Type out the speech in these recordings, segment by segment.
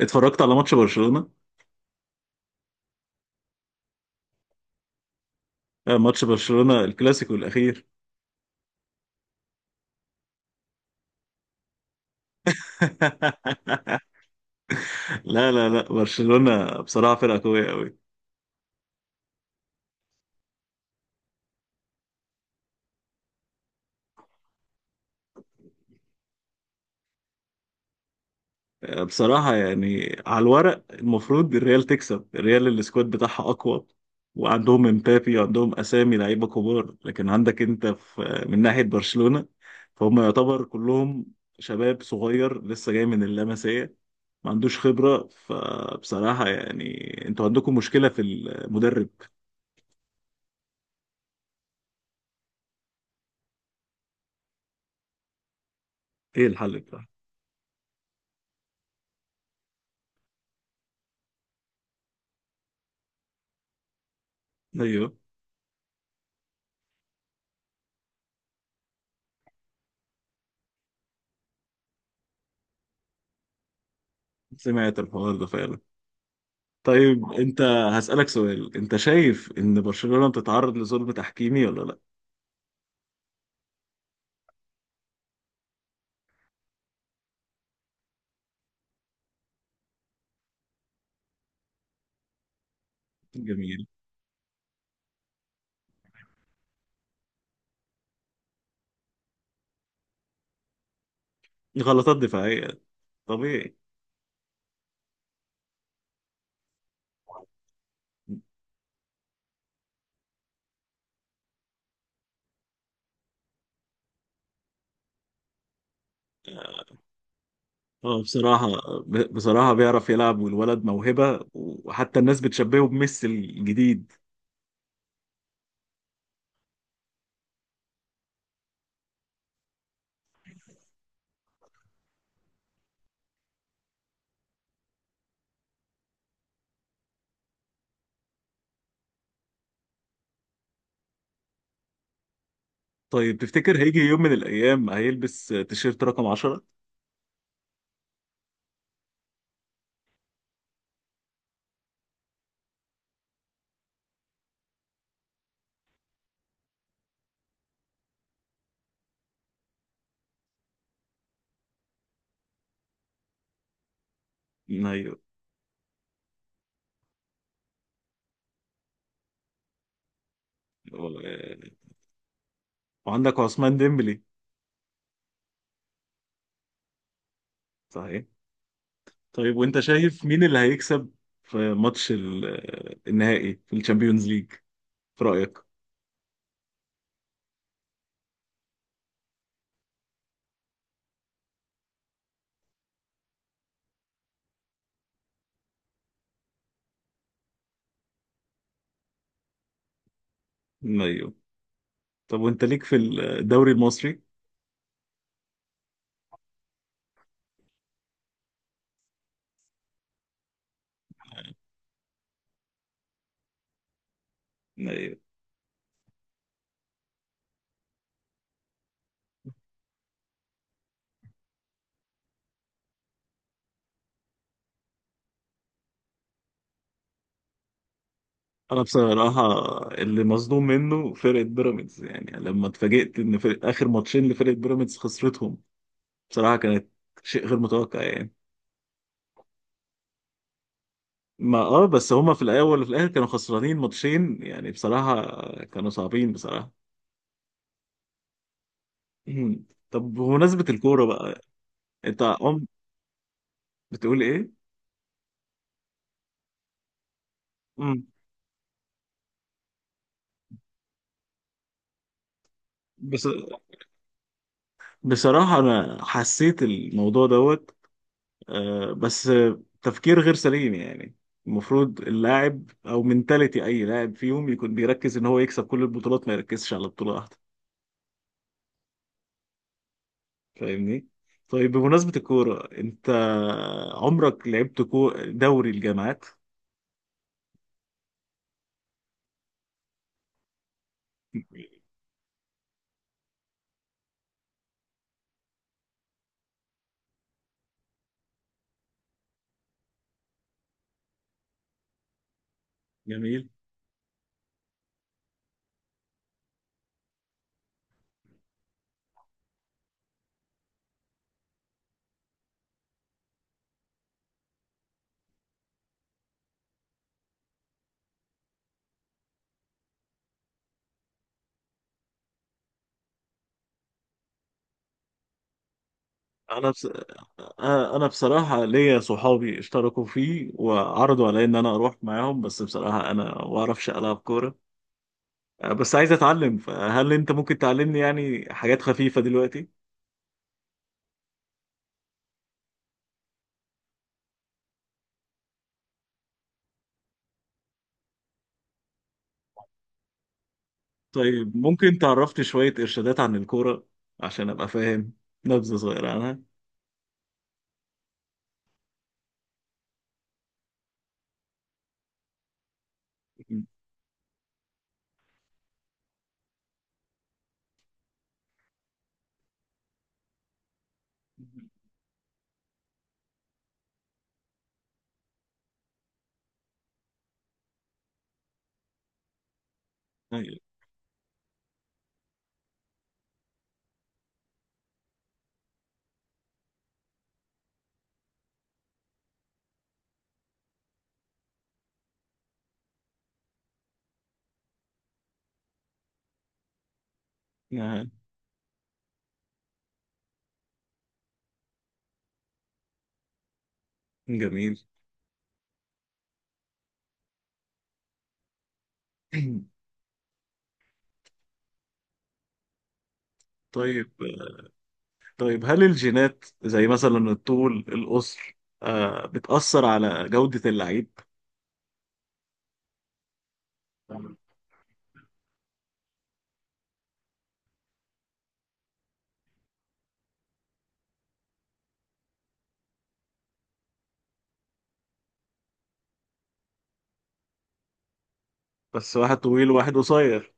اتفرجت على ماتش برشلونة. ماتش برشلونة الكلاسيكو الأخير. لا، برشلونة بصراحة فرقة قوية قوي. بصراحة يعني على الورق المفروض الريال تكسب، الريال السكواد بتاعها أقوى، وعندهم امبابي وعندهم أسامي لعيبة كبار. لكن عندك أنت في من ناحية برشلونة فهم يعتبر كلهم شباب صغير لسه جاي من اللمسية، ما عندوش خبرة. فبصراحة يعني انتوا عندكم مشكلة في المدرب. ايه الحل بتاعه؟ ايوه، سمعت الحوار ده فعلا. طيب انت هسألك سؤال، انت شايف ان برشلونة بتتعرض لظلم تحكيمي ولا لا؟ جميل. غلطات دفاعية طبيعي. اه بصراحة، بصراحة بيعرف يلعب، والولد موهبة، وحتى الناس بتشبهه بميسي الجديد. طيب تفتكر هيجي يوم من الأيام هيلبس تيشيرت رقم 10؟ ايوه. و- وعندك عثمان ديمبلي. صحيح. طيب وانت شايف مين اللي هيكسب في ماتش النهائي في الشامبيونز ليج، في رأيك؟ ايوه. طب وانت ليك في الدوري المصري؟ ايوه. انا بصراحة اللي مصدوم منه فرقة بيراميدز، يعني لما اتفاجئت ان فرق اخر ماتشين لفرقة بيراميدز خسرتهم، بصراحة كانت شيء غير متوقع يعني. ما اه بس هما في الاول وفي الاخر كانوا خسرانين ماتشين يعني، بصراحة كانوا صعبين بصراحة. مم. طب بمناسبة الكورة بقى، انت عم بتقول ايه؟ مم. بس بصراحة أنا حسيت الموضوع دوت، آه، بس آه، تفكير غير سليم يعني. المفروض اللاعب او منتاليتي اي لاعب فيهم يكون بيركز ان هو يكسب كل البطولات، ما يركزش على بطولة واحدة. فاهمني؟ طيب بمناسبة الكورة، انت عمرك لعبت دوري الجامعات؟ جميل. انا بس... انا بصراحة ليا صحابي اشتركوا فيه وعرضوا علي ان انا اروح معاهم، بس بصراحة انا ما اعرفش العب كورة. بس عايز اتعلم، فهل انت ممكن تعلمني يعني حاجات خفيفة دلوقتي؟ طيب ممكن تعرفني شوية إرشادات عن الكورة عشان أبقى فاهم، نبذة صغيرة عنها؟ طيب. نعم. جميل. طيب. طيب هل الجينات زي مثلا الطول القصر، بتأثر على جودة اللعيب؟ بس واحد طويل وواحد قصير.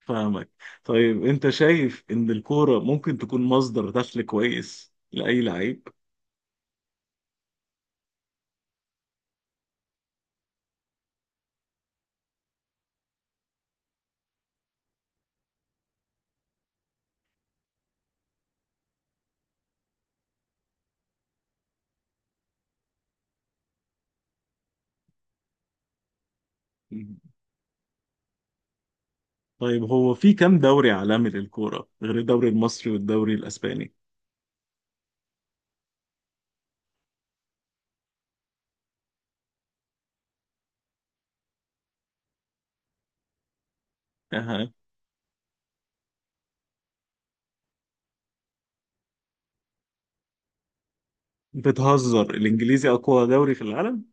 فاهمك. طيب أنت شايف إن الكورة ممكن تكون مصدر دخل كويس لأي لعيب؟ مم. طيب هو في كام دوري عالمي للكورة غير الدوري المصري والدوري الأسباني؟ بتهزر، الانجليزي اقوى دوري في العالم؟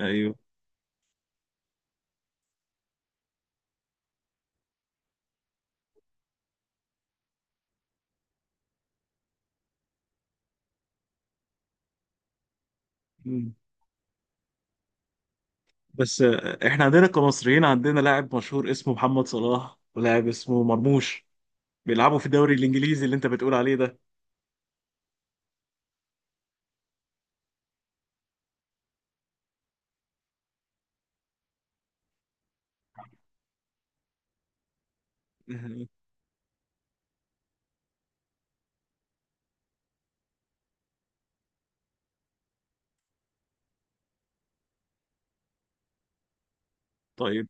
ايوه. مم. بس احنا عندنا كمصريين عندنا لاعب مشهور اسمه محمد صلاح ولاعب اسمه مرموش بيلعبوا في الدوري الانجليزي اللي انت بتقول عليه ده. مم. طيب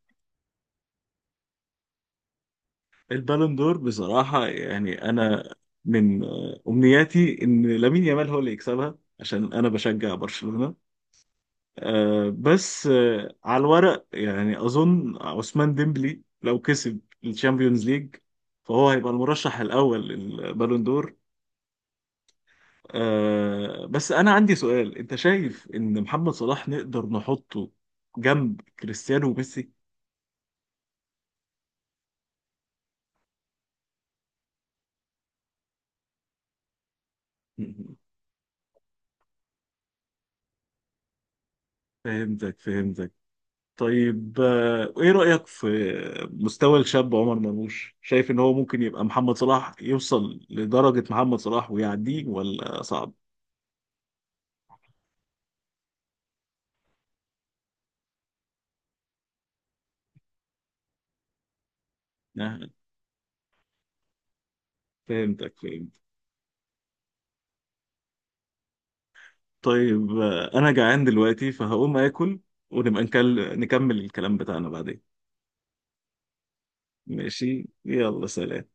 البالون دور بصراحة يعني انا من امنياتي ان لامين يامال هو اللي يكسبها عشان انا بشجع برشلونة. آه، بس آه، على الورق يعني اظن عثمان ديمبلي لو كسب الشامبيونز ليج فهو هيبقى المرشح الاول للبالون دور. بس انا عندي سؤال، انت شايف ان محمد صلاح نقدر نحطه جنب كريستيانو وميسي؟ مم. فهمتك فهمتك. طيب ايه رأيك في مستوى الشاب عمر مرموش؟ شايف ان هو ممكن يبقى محمد صلاح، يوصل لدرجة محمد صلاح ويعديه، ولا صعب؟ آه، فهمتك فهمتك. طيب انا جعان دلوقتي فهقوم اكل، ونبقى نكمل الكلام بتاعنا بعدين. ماشي، يلا، سلام.